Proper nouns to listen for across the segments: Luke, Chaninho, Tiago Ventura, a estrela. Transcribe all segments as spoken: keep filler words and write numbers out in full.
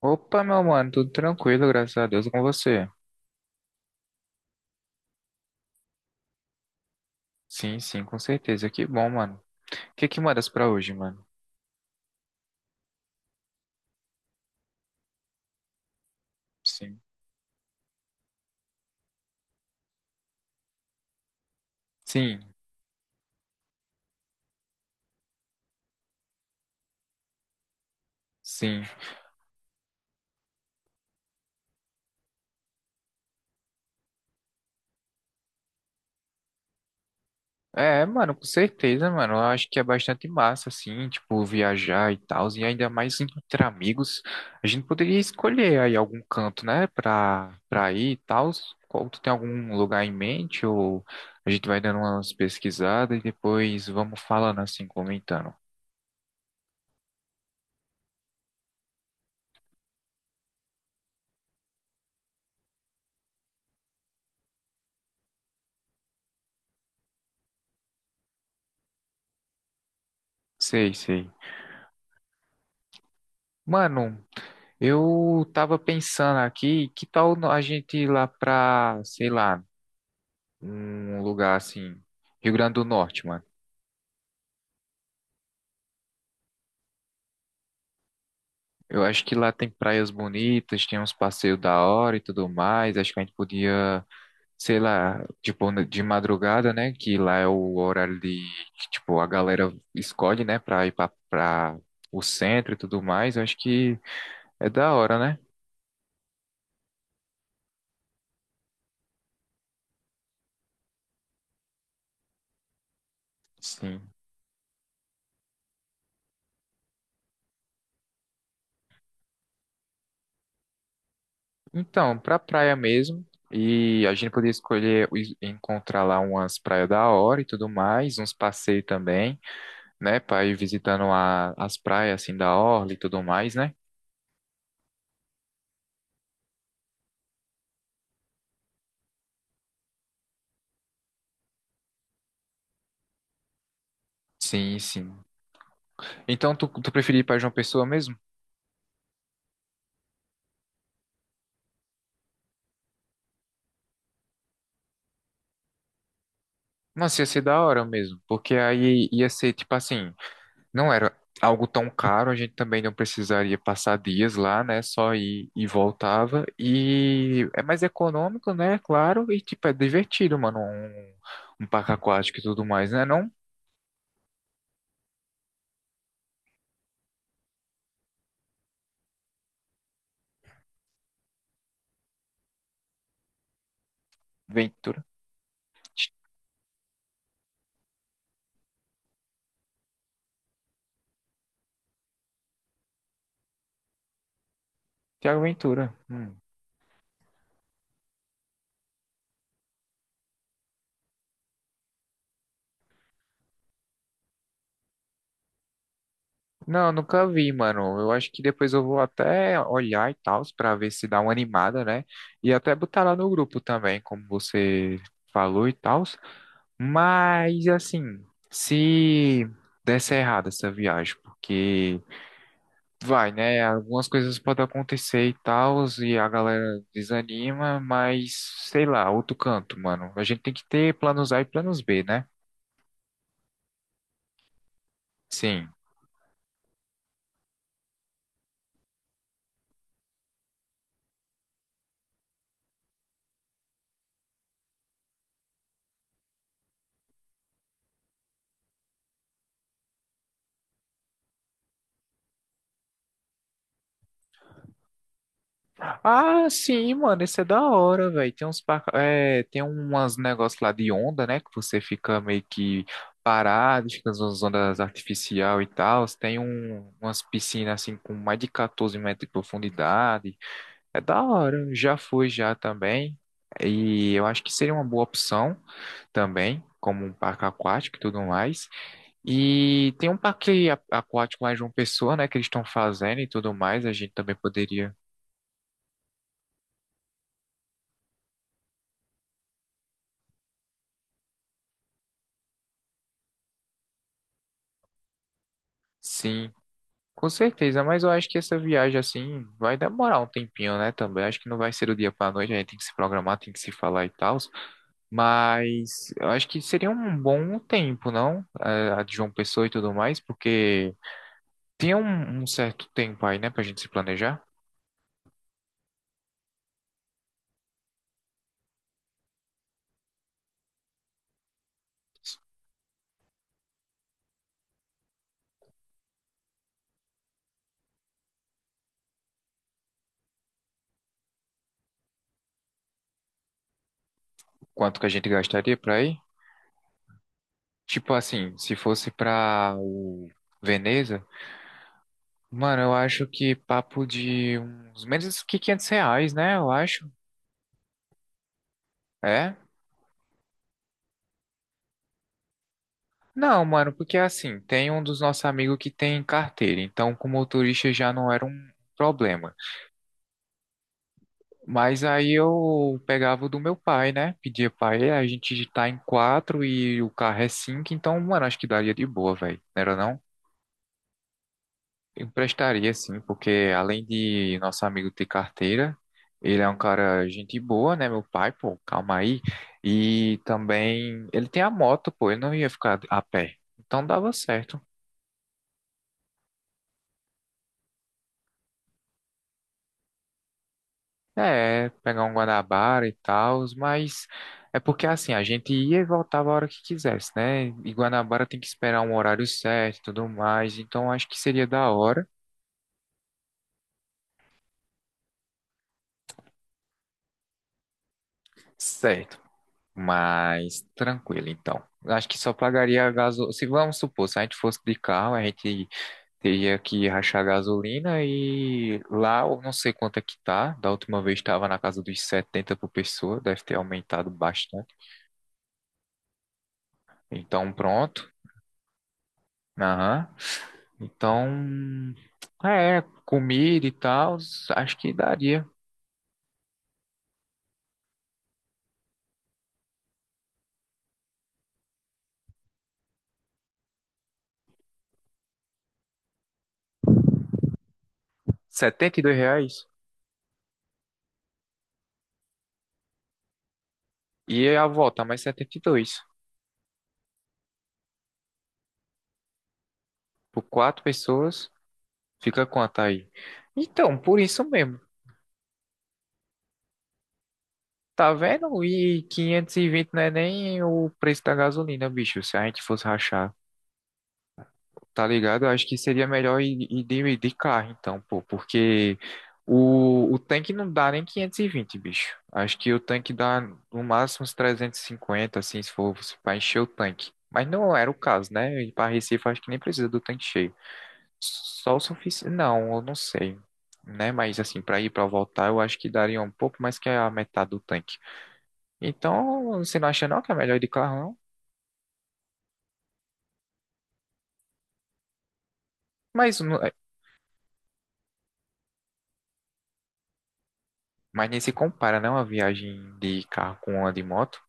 Opa, meu mano, tudo tranquilo, graças a Deus com você. Sim, sim, com certeza. Que bom, mano. O que que mandas pra hoje, mano? Sim. Sim, sim. É, mano, com certeza, mano. Eu acho que é bastante massa, assim, tipo, viajar e tal. E ainda mais entre amigos. A gente poderia escolher aí algum canto, né, pra, pra ir e tal. Qual, tu tem algum lugar em mente? Ou a gente vai dando umas pesquisadas e depois vamos falando assim, comentando. Sei, sei. Mano. Eu tava pensando aqui, que tal a gente ir lá pra, sei lá, um lugar assim, Rio Grande do Norte, mano. Eu acho que lá tem praias bonitas, tem uns passeios da hora e tudo mais. Acho que a gente podia, sei lá, tipo, de madrugada, né? Que lá é o horário de, que, tipo, a galera escolhe, né, pra ir pra, pra o centro e tudo mais. Eu acho que é da hora, né? Sim. Então, pra praia mesmo. E a gente podia escolher e- encontrar lá umas praias da hora e tudo mais, uns passeios também, né? Pra ir visitando a- as praias assim da orla e tudo mais, né? Sim, sim. Então, tu, tu preferia ir pra João Pessoa mesmo? Nossa, ia ser da hora mesmo, porque aí ia ser tipo assim. Não era algo tão caro, a gente também não precisaria passar dias lá, né? Só ir e voltava. E é mais econômico, né? Claro, e tipo, é divertido, mano. Um, um parque aquático e tudo mais, né? Não? Ventura. Tiago Ventura. Hum. Não, nunca vi, mano. Eu acho que depois eu vou até olhar e tal, pra ver se dá uma animada, né? E até botar lá no grupo também, como você falou e tal. Mas assim, se desse errado essa viagem, porque vai, né? Algumas coisas podem acontecer e tal, e a galera desanima, mas sei lá, outro canto, mano. A gente tem que ter planos A e planos B, né? Sim. Ah, sim, mano, isso é da hora, velho. Tem uns, pa- é, tem umas negócios lá de onda, né? Que você fica meio que parado, fica nas ondas artificial e tal. Tem um, umas piscinas assim com mais de catorze metros de profundidade. É da hora, já fui já também. E eu acho que seria uma boa opção também, como um parque aquático e tudo mais. E tem um parque a- aquático lá em João Pessoa, né, que eles estão fazendo e tudo mais, a gente também poderia. Sim, com certeza, mas eu acho que essa viagem assim vai demorar um tempinho, né, também. Acho que não vai ser do dia para noite, a gente tem que se programar, tem que se falar e tal. Mas eu acho que seria um bom tempo, não? Eh, A de João Pessoa e tudo mais, porque tinha um, um certo tempo aí, né, pra gente se planejar, quanto que a gente gastaria pra ir. Tipo assim, se fosse pra o Veneza, mano, eu acho que papo de uns menos que quinhentos reais, né, eu acho. É? Não, mano, porque assim, tem um dos nossos amigos que tem carteira, então com motorista já não era um problema. Mas aí eu pegava o do meu pai, né, pedia pra ele, a gente tá em quatro e o carro é cinco, então, mano, acho que daria de boa, velho, não era não? Emprestaria sim, porque além de nosso amigo ter carteira, ele é um cara gente boa, né, meu pai, pô, calma aí. E também ele tem a moto, pô, ele não ia ficar a pé. Então dava certo. É, pegar um Guanabara e tal, mas é porque assim, a gente ia e voltava a hora que quisesse, né? E Guanabara tem que esperar um horário certo e tudo mais, então acho que seria da hora. Certo. Mas tranquilo, então. Acho que só pagaria a gasolina. Se vamos supor, se a gente fosse de carro, a gente teria que rachar gasolina e lá eu não sei quanto é que tá. Da última vez estava na casa dos setenta por pessoa, deve ter aumentado bastante. Então pronto. Aham. Então, é, comida e tal, acho que daria. Setenta e dois reais. E é a volta, mais setenta e dois. Por quatro pessoas, fica quanto aí? Então, por isso mesmo. Tá vendo? E quinhentos e vinte não é nem o preço da gasolina, bicho. Se a gente fosse rachar, tá ligado? Eu acho que seria melhor ir, ir de, de carro, então, pô, porque o, o tanque não dá nem quinhentos e vinte bicho. Acho que o tanque dá no máximo uns trezentos e cinquenta assim, se for para encher o tanque. Mas não era o caso, né? E para Recife, acho que nem precisa do tanque cheio. Só o suficiente. Não, eu não sei, né? Mas assim, para ir para voltar, eu acho que daria um pouco mais que a metade do tanque. Então, você não acha não que é melhor ir de carro, não? Mas, não- é, mas nem se compara, não, a viagem de carro com a de moto.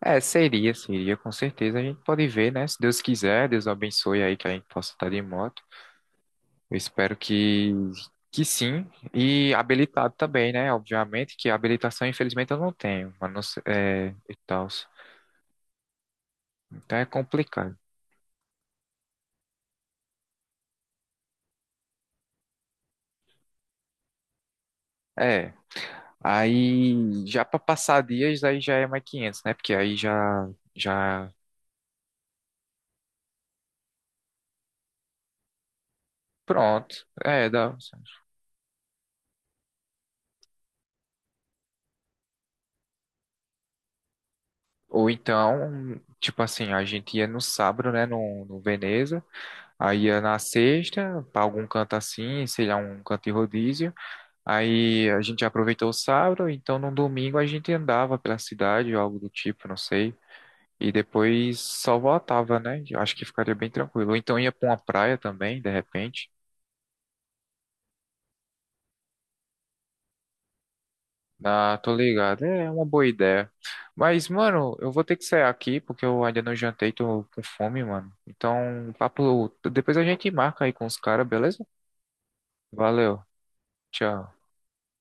É, seria, seria, com certeza. A gente pode ver, né? Se Deus quiser, Deus abençoe aí que a gente possa estar de moto. Eu espero que, que sim. E habilitado também, né? Obviamente que a habilitação, infelizmente, eu não tenho. Mas não sei- é, e tal. Então é complicado. É. Aí, já para passar dias, aí já é mais quinhentos né? Porque aí já, já pronto, é, dá. Ou então, tipo assim, a gente ia no sábado, né, no, no Veneza, aí ia na sexta, pra algum canto assim, sei lá, um canto de rodízio. Aí a gente aproveitou o sábado, então no domingo a gente andava pela cidade ou algo do tipo, não sei. E depois só voltava, né? Eu acho que ficaria bem tranquilo. Ou então ia pra uma praia também, de repente. Ah, tô ligado. É uma boa ideia. Mas, mano, eu vou ter que sair aqui porque eu ainda não jantei, tô com fome, mano. Então, papo, depois a gente marca aí com os caras, beleza? Valeu. Tchau.